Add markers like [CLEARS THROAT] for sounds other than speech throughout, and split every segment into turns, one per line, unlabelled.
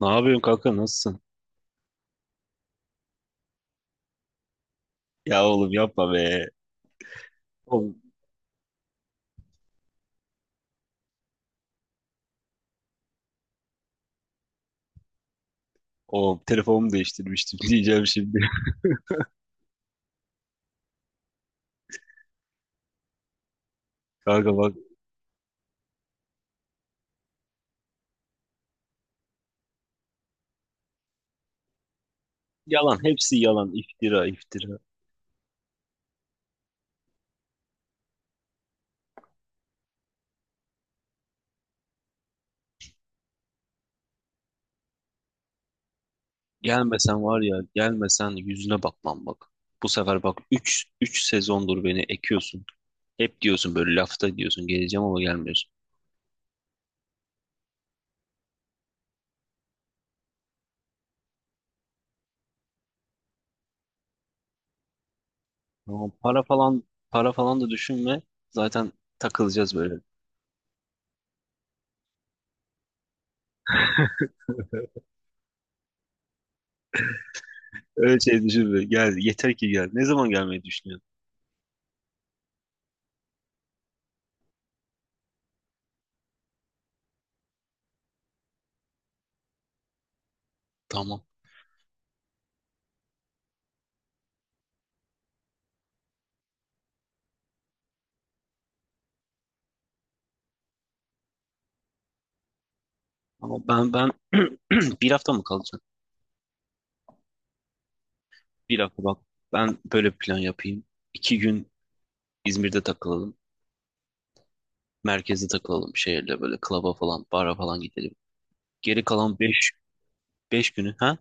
Ne yapıyorsun kanka, nasılsın? Ya oğlum yapma be. Oğlum, oğlum, telefonumu değiştirmiştim [LAUGHS] diyeceğim şimdi. [LAUGHS] Kanka bak, yalan hepsi yalan, iftira iftira. Gelmesen var ya, gelmesen yüzüne bakmam bak. Bu sefer bak, üç sezondur beni ekiyorsun. Hep diyorsun böyle, lafta diyorsun geleceğim ama gelmiyorsun. Ama para falan da düşünme. Zaten takılacağız böyle. Öyle şey düşünme. Gel yeter ki gel. Ne zaman gelmeyi düşünüyorsun? Tamam. Ama ben [CLEARS THROAT] bir hafta mı kalacağım? Bir dakika bak. Ben böyle bir plan yapayım. 2 gün İzmir'de takılalım. Merkezde takılalım, şehirde böyle klaba falan, bara falan gidelim. Geri kalan beş günü ha?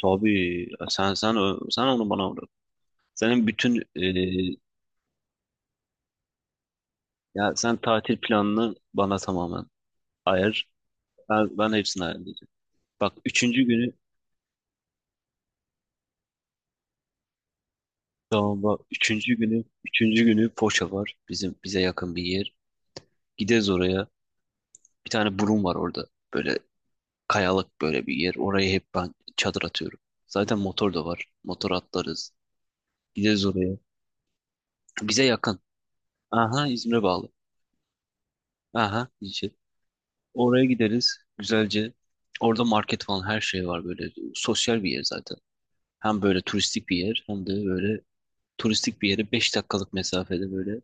Tabii, sen onu bana bırak. Senin bütün e, ya sen tatil planını bana tamamen ayar. Ben hepsini ayarlayacağım. Bak üçüncü günü tamam bak üçüncü günü Foça var. Bize yakın bir yer. Gideriz oraya. Bir tane burun var orada. Böyle kayalık böyle bir yer. Oraya hep ben çadır atıyorum. Zaten motor da var. Motor atlarız. Gideriz oraya. Bize yakın. Aha, İzmir'e bağlı. Aha, Düzce. Oraya gideriz. Güzelce. Orada market falan her şey var böyle. Sosyal bir yer zaten. Hem böyle turistik bir yer, hem de böyle turistik bir yere 5 dakikalık mesafede böyle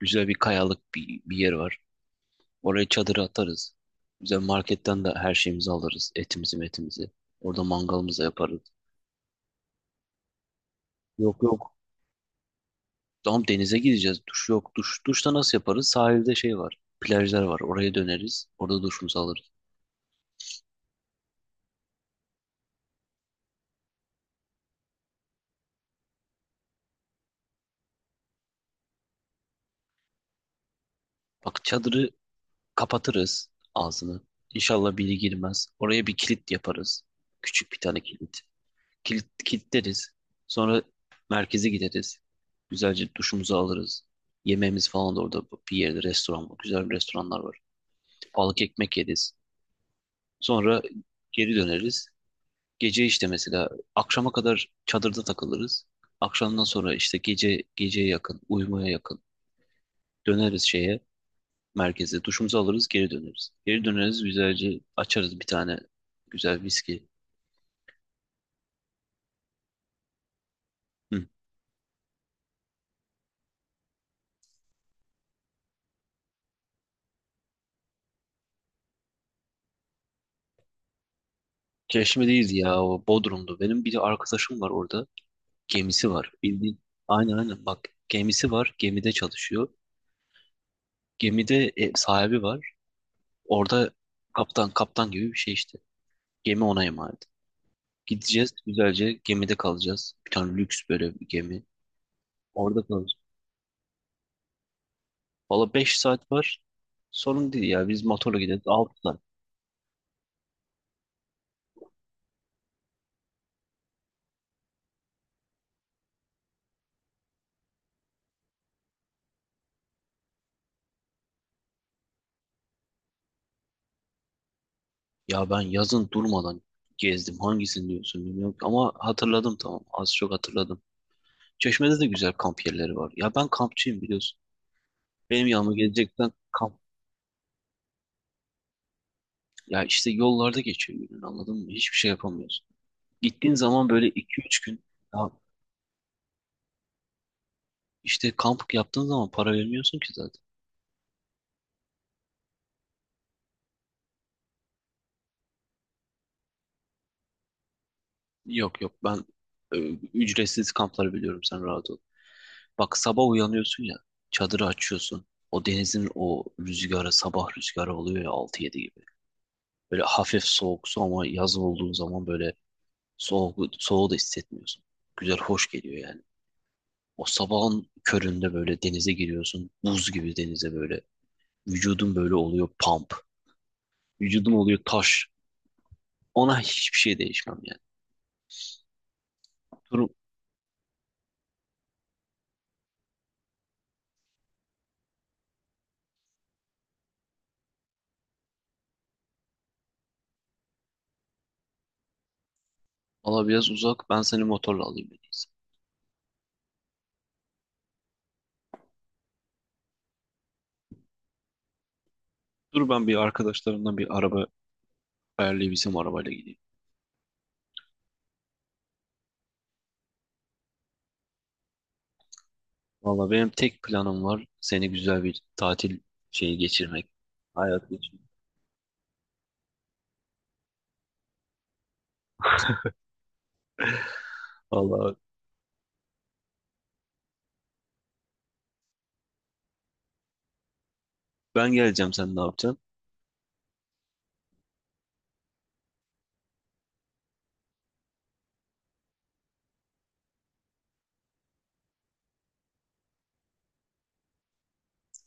güzel bir kayalık bir yer var. Oraya çadırı atarız. Güzel, marketten de her şeyimizi alırız. Etimizi metimizi. Orada mangalımızı yaparız. Yok, yok. Tamam, denize gideceğiz. Duş yok. Duşta nasıl yaparız? Sahilde şey var. Plajlar var. Oraya döneriz. Orada duşumuzu alırız. Bak, çadırı kapatırız ağzını. İnşallah biri girmez. Oraya bir kilit yaparız. Küçük bir tane kilit. Kilit kilitleriz. Sonra merkeze gideriz. Güzelce duşumuzu alırız. Yemeğimiz falan da orada bir yerde restoran var. Güzel restoranlar var. Balık ekmek yeriz. Sonra geri döneriz. Gece işte mesela akşama kadar çadırda takılırız. Akşamdan sonra işte gece, geceye yakın, uyumaya yakın döneriz merkeze. Duşumuzu alırız, geri döneriz. Geri döneriz güzelce, açarız bir tane güzel viski. Hı. Çeşme değil ya, o Bodrum'du. Benim bir arkadaşım var orada. Gemisi var. Bildiğin. Aynen aynen, bak, gemisi var. Gemide çalışıyor. Gemide sahibi var. Orada kaptan gibi bir şey işte. Gemi ona emanet. Gideceğiz güzelce, gemide kalacağız. Bir tane lüks böyle bir gemi. Orada kalacağız. Valla 5 saat var. Sorun değil ya. Biz motorla gideriz 6 saat. Ya ben yazın durmadan gezdim. Hangisini diyorsun bilmiyorum. Ama hatırladım, tamam. Az çok hatırladım. Çeşme'de de güzel kamp yerleri var. Ya ben kampçıyım biliyorsun. Benim yanıma gelecekten kamp. Ya işte yollarda geçiyor günün, anladın mı? Hiçbir şey yapamıyorsun. Gittiğin zaman böyle iki üç gün. Ya işte kamp yaptığın zaman para vermiyorsun ki zaten. Yok yok, ben e, ücretsiz kampları biliyorum, sen rahat ol. Bak sabah uyanıyorsun ya, çadırı açıyorsun. O denizin o rüzgarı, sabah rüzgarı oluyor ya 6-7 gibi. Böyle hafif soğuk su, ama yaz olduğun zaman böyle soğuğu da hissetmiyorsun. Güzel hoş geliyor yani. O sabahın köründe böyle denize giriyorsun. Buz gibi denize böyle. Vücudun böyle oluyor pump. Vücudun oluyor taş. Ona hiçbir şey değişmem yani. Durum Valla biraz uzak. Ben seni motorla alayım en iyisi. Dur ben bir arkadaşlarımdan bir araba ayarlayıp bizim arabayla gideyim. Valla benim tek planım var, seni güzel bir tatil şeyi geçirmek. Hayat geçirmek. Valla ben geleceğim, sen ne yapacaksın?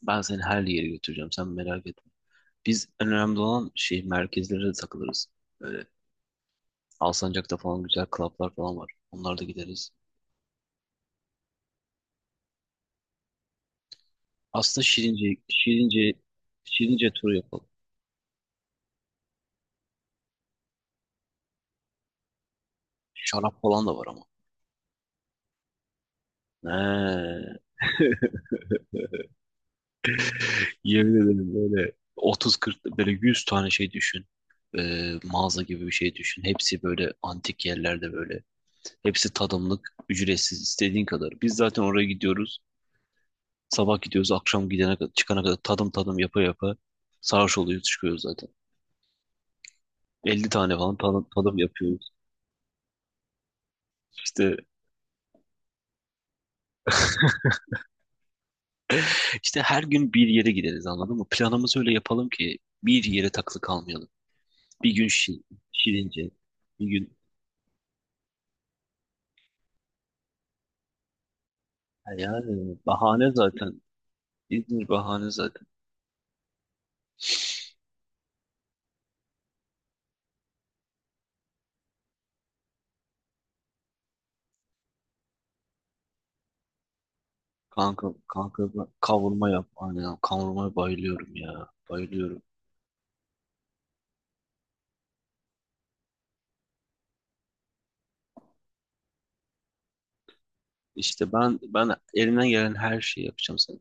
Ben seni her yere götüreceğim, sen merak etme. Biz en önemli olan şey, merkezlere de takılırız. Böyle Alsancak'ta falan güzel klaplar falan var. Onlara da gideriz. Aslında Şirince turu yapalım. Şarap falan da var ama. He. [LAUGHS] Yemin ederim böyle 30-40, böyle 100 tane şey düşün. Mağaza gibi bir şey düşün. Hepsi böyle antik yerlerde böyle. Hepsi tadımlık, ücretsiz, istediğin kadar. Biz zaten oraya gidiyoruz. Sabah gidiyoruz, akşam gidene kadar, çıkana kadar tadım tadım yapa yapa sarhoş oluyoruz, çıkıyoruz zaten. 50 tane falan tadım, tadım yapıyoruz. İşte [LAUGHS] işte her gün bir yere gideriz, anladın mı? Planımızı öyle yapalım ki bir yere takılı kalmayalım. Bir gün Şirince, bir gün, yani bahane zaten, İzmir bahane zaten. Kanka, kavurma yap. Aynen, kavurmaya bayılıyorum ya. Bayılıyorum. İşte ben elimden gelen her şeyi yapacağım sana.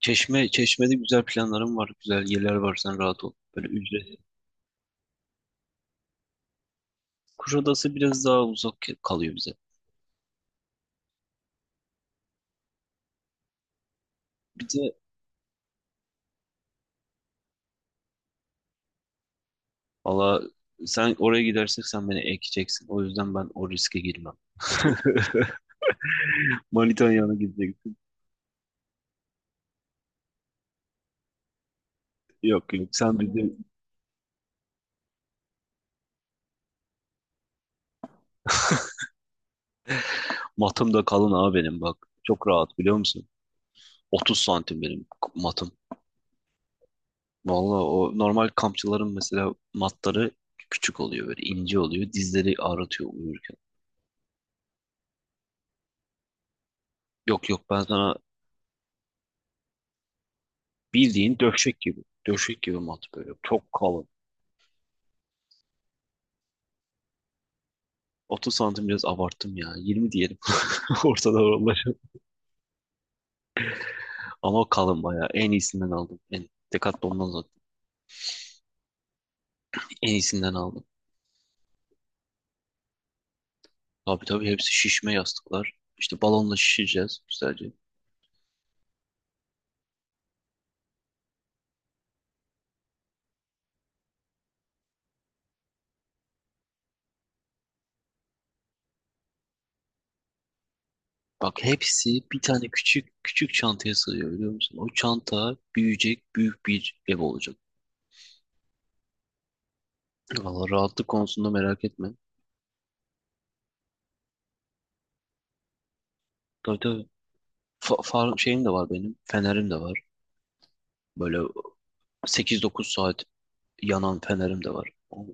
Çeşme'de güzel planlarım var. Güzel yerler var, sen rahat ol. Böyle ücret. Kuşadası biraz daha uzak kalıyor bize. Bir de valla, sen oraya gidersek sen beni ekeceksin. O yüzden ben o riske girmem. [LAUGHS] Manitan yanına gideceksin. Yok yok, sen bizim matım da kalın abi benim bak. Çok rahat biliyor musun? 30 santim benim matım. Vallahi o normal kampçıların mesela matları küçük oluyor, böyle ince oluyor. Dizleri ağrıtıyor uyurken. Yok yok, ben sana bildiğin döşek gibi. Döşek gibi mat böyle. Çok kalın. 30 santim biraz abarttım ya. 20 diyelim. [LAUGHS] Ortada oralar. Ama kalın bayağı. En iyisinden aldım. Decathlon'dan zaten. En iyisinden aldım. Tabii tabii, hepsi şişme yastıklar. İşte balonla şişeceğiz güzelce. Bak hepsi bir tane küçük küçük çantaya sığıyor, biliyor musun? O çanta büyüyecek, büyük bir ev olacak. Valla rahatlık konusunda merak etme. Tabii tabii. Far şeyim de var benim. Fenerim de var. Böyle sekiz dokuz saat yanan fenerim de var.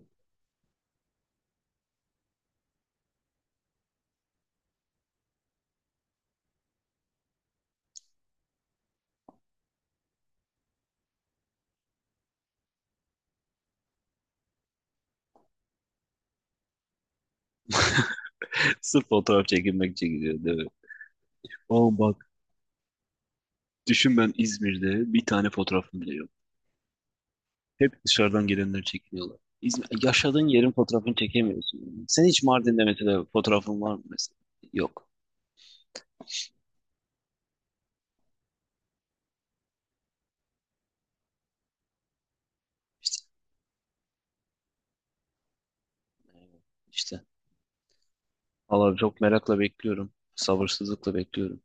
[LAUGHS] Sırf fotoğraf çekilmek için gidiyor değil mi? O bak düşün, ben İzmir'de bir tane fotoğrafım bile yok. Hep dışarıdan gelenler çekiniyorlar. İzmir, yaşadığın yerin fotoğrafını çekemiyorsun. Sen hiç Mardin'de mesela fotoğrafın var mı mesela? Yok. İşte, işte. Valla çok merakla bekliyorum. Sabırsızlıkla bekliyorum.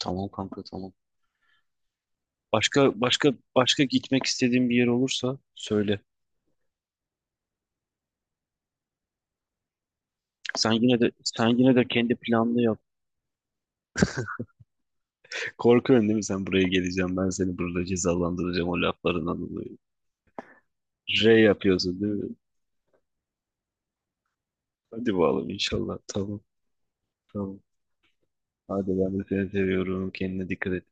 Tamam kanka, tamam. Başka gitmek istediğin bir yer olursa söyle. Sen yine de kendi planını yap. Korkuyorsun değil mi, sen buraya geleceğim ben seni burada cezalandıracağım o laflarından dolayı. R yapıyorsun değil mi? Hadi bakalım inşallah. Tamam, tamam. Hadi ben de seni seviyorum. Kendine dikkat et.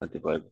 Hadi bay bay.